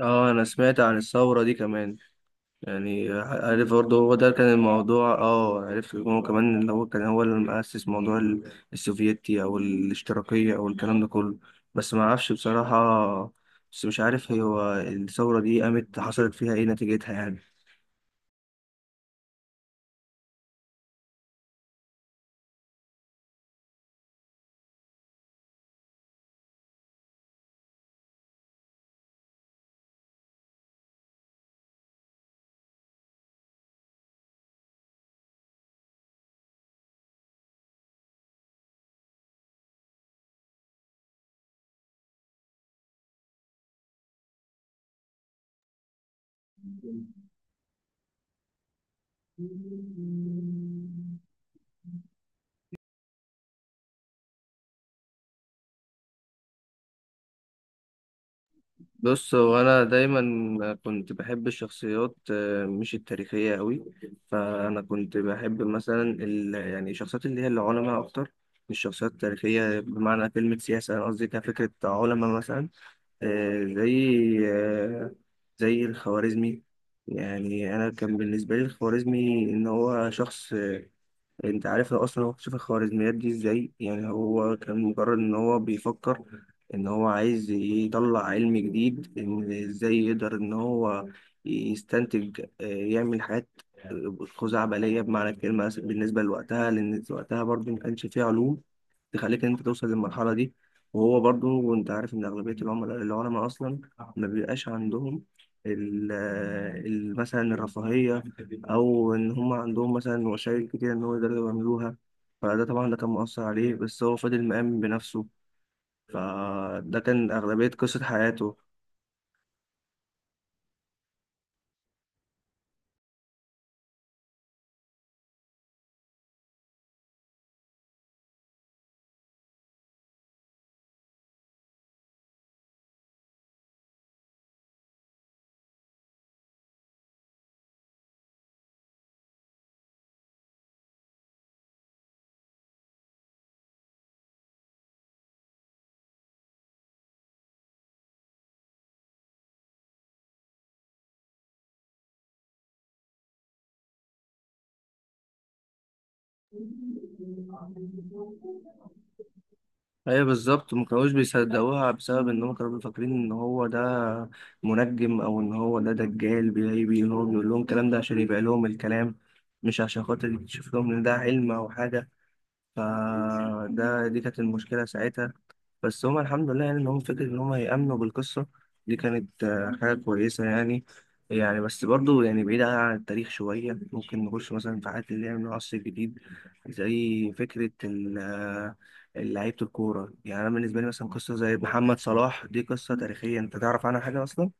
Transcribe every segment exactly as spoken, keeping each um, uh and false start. اه، انا سمعت عن الثورة دي كمان. يعني عارف برضه هو ده كان الموضوع، اه، عرفت إن هو كمان اللي هو كان هو اللي مؤسس موضوع ال- السوفيتي او الاشتراكية او الكلام ده كله. بس ما اعرفش بصراحة. بس مش عارف هي هو الثورة دي قامت، حصلت فيها ايه، نتيجتها يعني؟ بص، هو انا دايما كنت بحب الشخصيات، آه، مش التاريخيه قوي. فانا كنت بحب مثلا ال... يعني الشخصيات اللي هي العلماء اكتر، مش الشخصيات التاريخيه بمعنى كلمه سياسه. انا قصدي كفكره علماء مثلا، آه، زي آه، زي الخوارزمي. يعني انا كان بالنسبه لي الخوارزمي ان هو شخص، انت عارف هو اصلا هو اكتشف الخوارزميات دي ازاي؟ يعني هو كان مجرد ان هو بيفكر ان هو عايز يطلع علم جديد، ان ازاي يقدر ان هو يستنتج، آه، يعمل حاجات آه، خزعبلية بمعنى الكلمة بالنسبة لوقتها، لأن وقتها برضه ما كانش فيه علوم تخليك ان انت توصل للمرحله دي. وهو برضو، وانت عارف ان اغلبيه العملاء العلماء اصلا ما بيبقاش عندهم ال- ال- مثلا الرفاهيه، او ان هم عندهم مثلا وسائل كتير ان هو يقدروا يعملوها. فده طبعا ده كان مؤثر عليه، بس هو فضل مآمن بنفسه. فده كان اغلبيه قصه حياته. ايوه بالظبط، ما كانوش بيصدقوها بسبب ان هم كانوا فاكرين ان هو ده منجم، او ان هو ده دجال بيبي ان هو بيقول لهم الكلام ده عشان يبيع لهم الكلام، مش عشان خاطر يكشف لهم ان ده علم او حاجه. فده دي كانت المشكله ساعتها. بس هما الحمد لله، يعني إن هم فكرة إن هم يأمنوا بالقصة دي كانت آه، حاجة كويسة يعني. يعني بس برضو، يعني بعيدة عن التاريخ شوية، ممكن نخش مثلا في حاجات اللي هي من العصر الجديد، زي فكرة ال- آه، لعيبة الكورة. يعني أنا بالنسبة لي مثلا قصة زي محمد صلاح دي قصة تاريخية، أنت تعرف عنها حاجة أصلا؟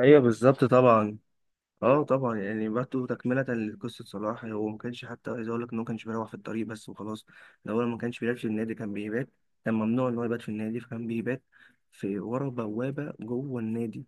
ايوه بالظبط طبعا. اه طبعا، يعني برضه تكملة لقصة صلاح، هو ما كانش حتى، عايز اقول لك ان هو ما كانش بيروح في الطريق بس وخلاص. الاول ما كانش بيلعب في النادي، كان بيبات، كان ممنوع ان هو يبات في النادي، فكان بيبات في ورا بوابة جوه النادي.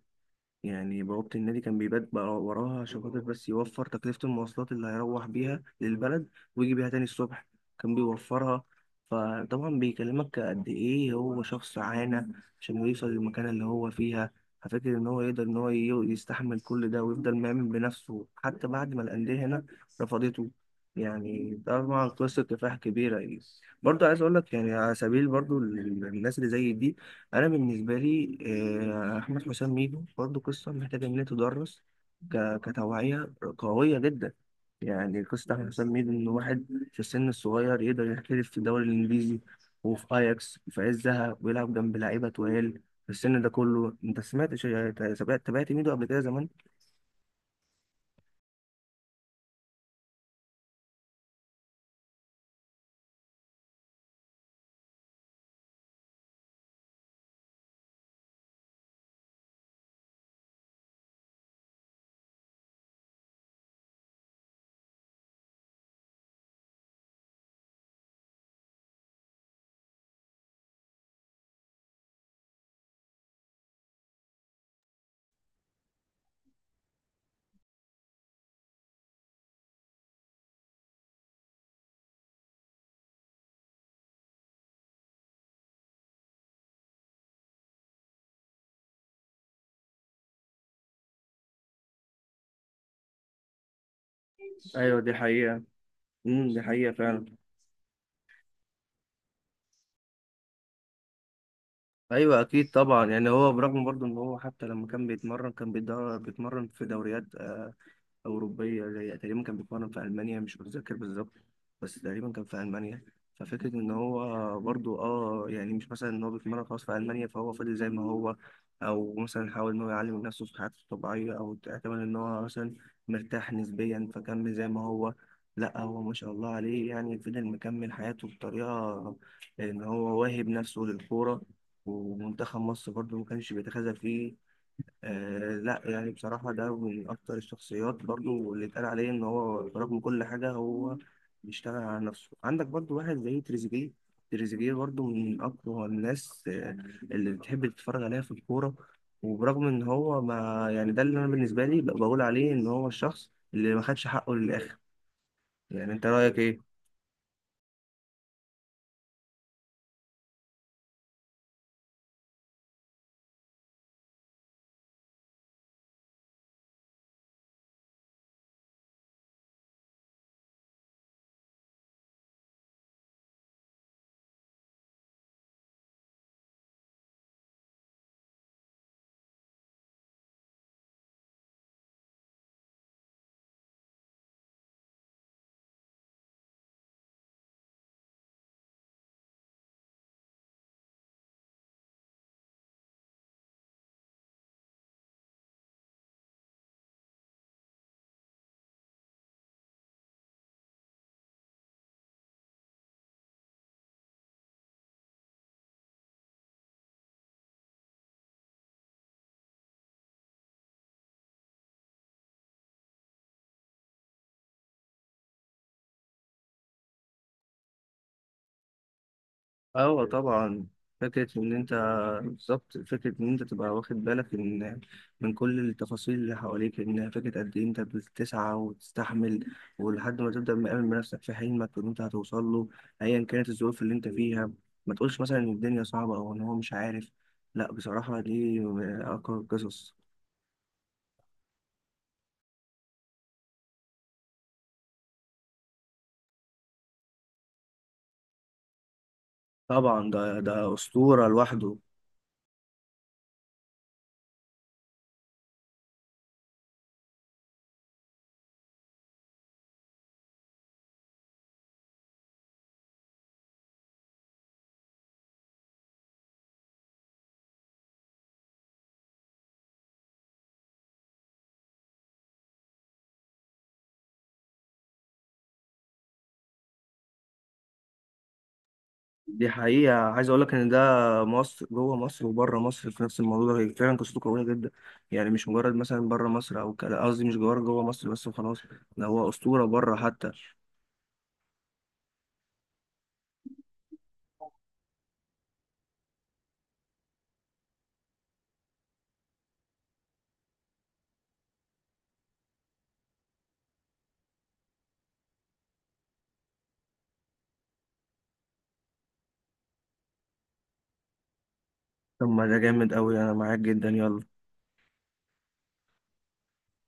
يعني بوابة النادي كان بيبات بقى وراها عشان خاطر بس يوفر تكلفة المواصلات اللي هيروح بيها للبلد ويجي بيها تاني الصبح، كان بيوفرها. فطبعا بيكلمك قد ايه هو شخص عانى عشان يوصل للمكانة اللي هو فيها. ففكر ان هو يقدر ان هو ي- يستحمل كل ده ويفضل مؤمن بنفسه حتى بعد ما الأندية هنا رفضته. يعني طبعا قصة كفاح كبيرة يعني. برضه عايز اقول لك، يعني على سبيل برضه ال- الناس اللي زي دي، انا بالنسبه لي آه، احمد حسام ميدو برضه قصه محتاجه ان هي تدرس ك- كتوعيه قويه جدا. يعني قصه احمد حسام ميدو، ان واحد في السن الصغير يقدر يحترف في الدوري الانجليزي وفي اياكس في عزها ويلعب جنب لعيبه تقال في السن ده كله. انت سمعت شي- تابعت تابعت ميدو قبل كده زمان؟ ايوه دي حقيقه. امم، دي حقيقه فعلا. ايوه اكيد طبعا، يعني هو برغم برضه ان هو حتى لما كان بيتمرن كان بيدر- بيتمرن في دوريات آه، أوروبية، زي تقريبا كان بيتمرن في ألمانيا، مش متذكر بالظبط، بس تقريبا كان في ألمانيا. ففكرة إن هو برضو، آه، يعني مش مثلا إن هو بيتمرن خلاص في ألمانيا فهو فضل زي ما هو، أو مثلا حاول إن هو يعلم من نفسه في حياته الطبيعية، أو اعتمد إن هو مثلا مرتاح نسبيا فكمل زي ما هو. لا، هو ما شاء الله عليه، يعني فضل مكمل حياته بطريقة إن هو واهب نفسه للكورة. ومنتخب مصر برضو ما كانش بيتخاذل فيه. آه لا، يعني بصراحة ده من أكتر الشخصيات برضو اللي اتقال عليه إن هو برغم كل حاجة هو بيشتغل على نفسه. عندك برضو واحد زي تريزيجيه، تريزيجيه برضو من أقوى الناس آه، اللي بتحب تتفرج عليها في الكورة. وبرغم إن هو ما، يعني ده اللي أنا بالنسبة لي بقول عليه إن هو الشخص اللي ما خدش حقه للآخر. يعني أنت رأيك إيه؟ أيوة طبعا. فكرة إن أنت بالظبط، فكرة إن أنت تبقى واخد بالك إن من كل التفاصيل اللي حواليك، إن فكرة قد إيه أنت بتسعى وتستحمل ولحد ما تبدأ مآمن بنفسك في حلمك إن أنت هتوصل له، أيا كانت الظروف اللي أنت فيها. ما تقولش مثلا إن الدنيا صعبة أو إن هو مش عارف. لأ، بصراحة دي من أقوى القصص. طبعا ده ده أسطورة لوحده. دي حقيقة، عايز أقول لك إن ده مصر، جوه مصر وبره مصر في نفس الموضوع ده، هي فعلا قصته قوية جدا. يعني مش مجرد مثلا بره مصر أو كده، قصدي مش جوه جوه مصر بس وخلاص، ده هو أسطورة بره حتى. طب ما ده جامد أوي، أنا معاك جدا، يلا.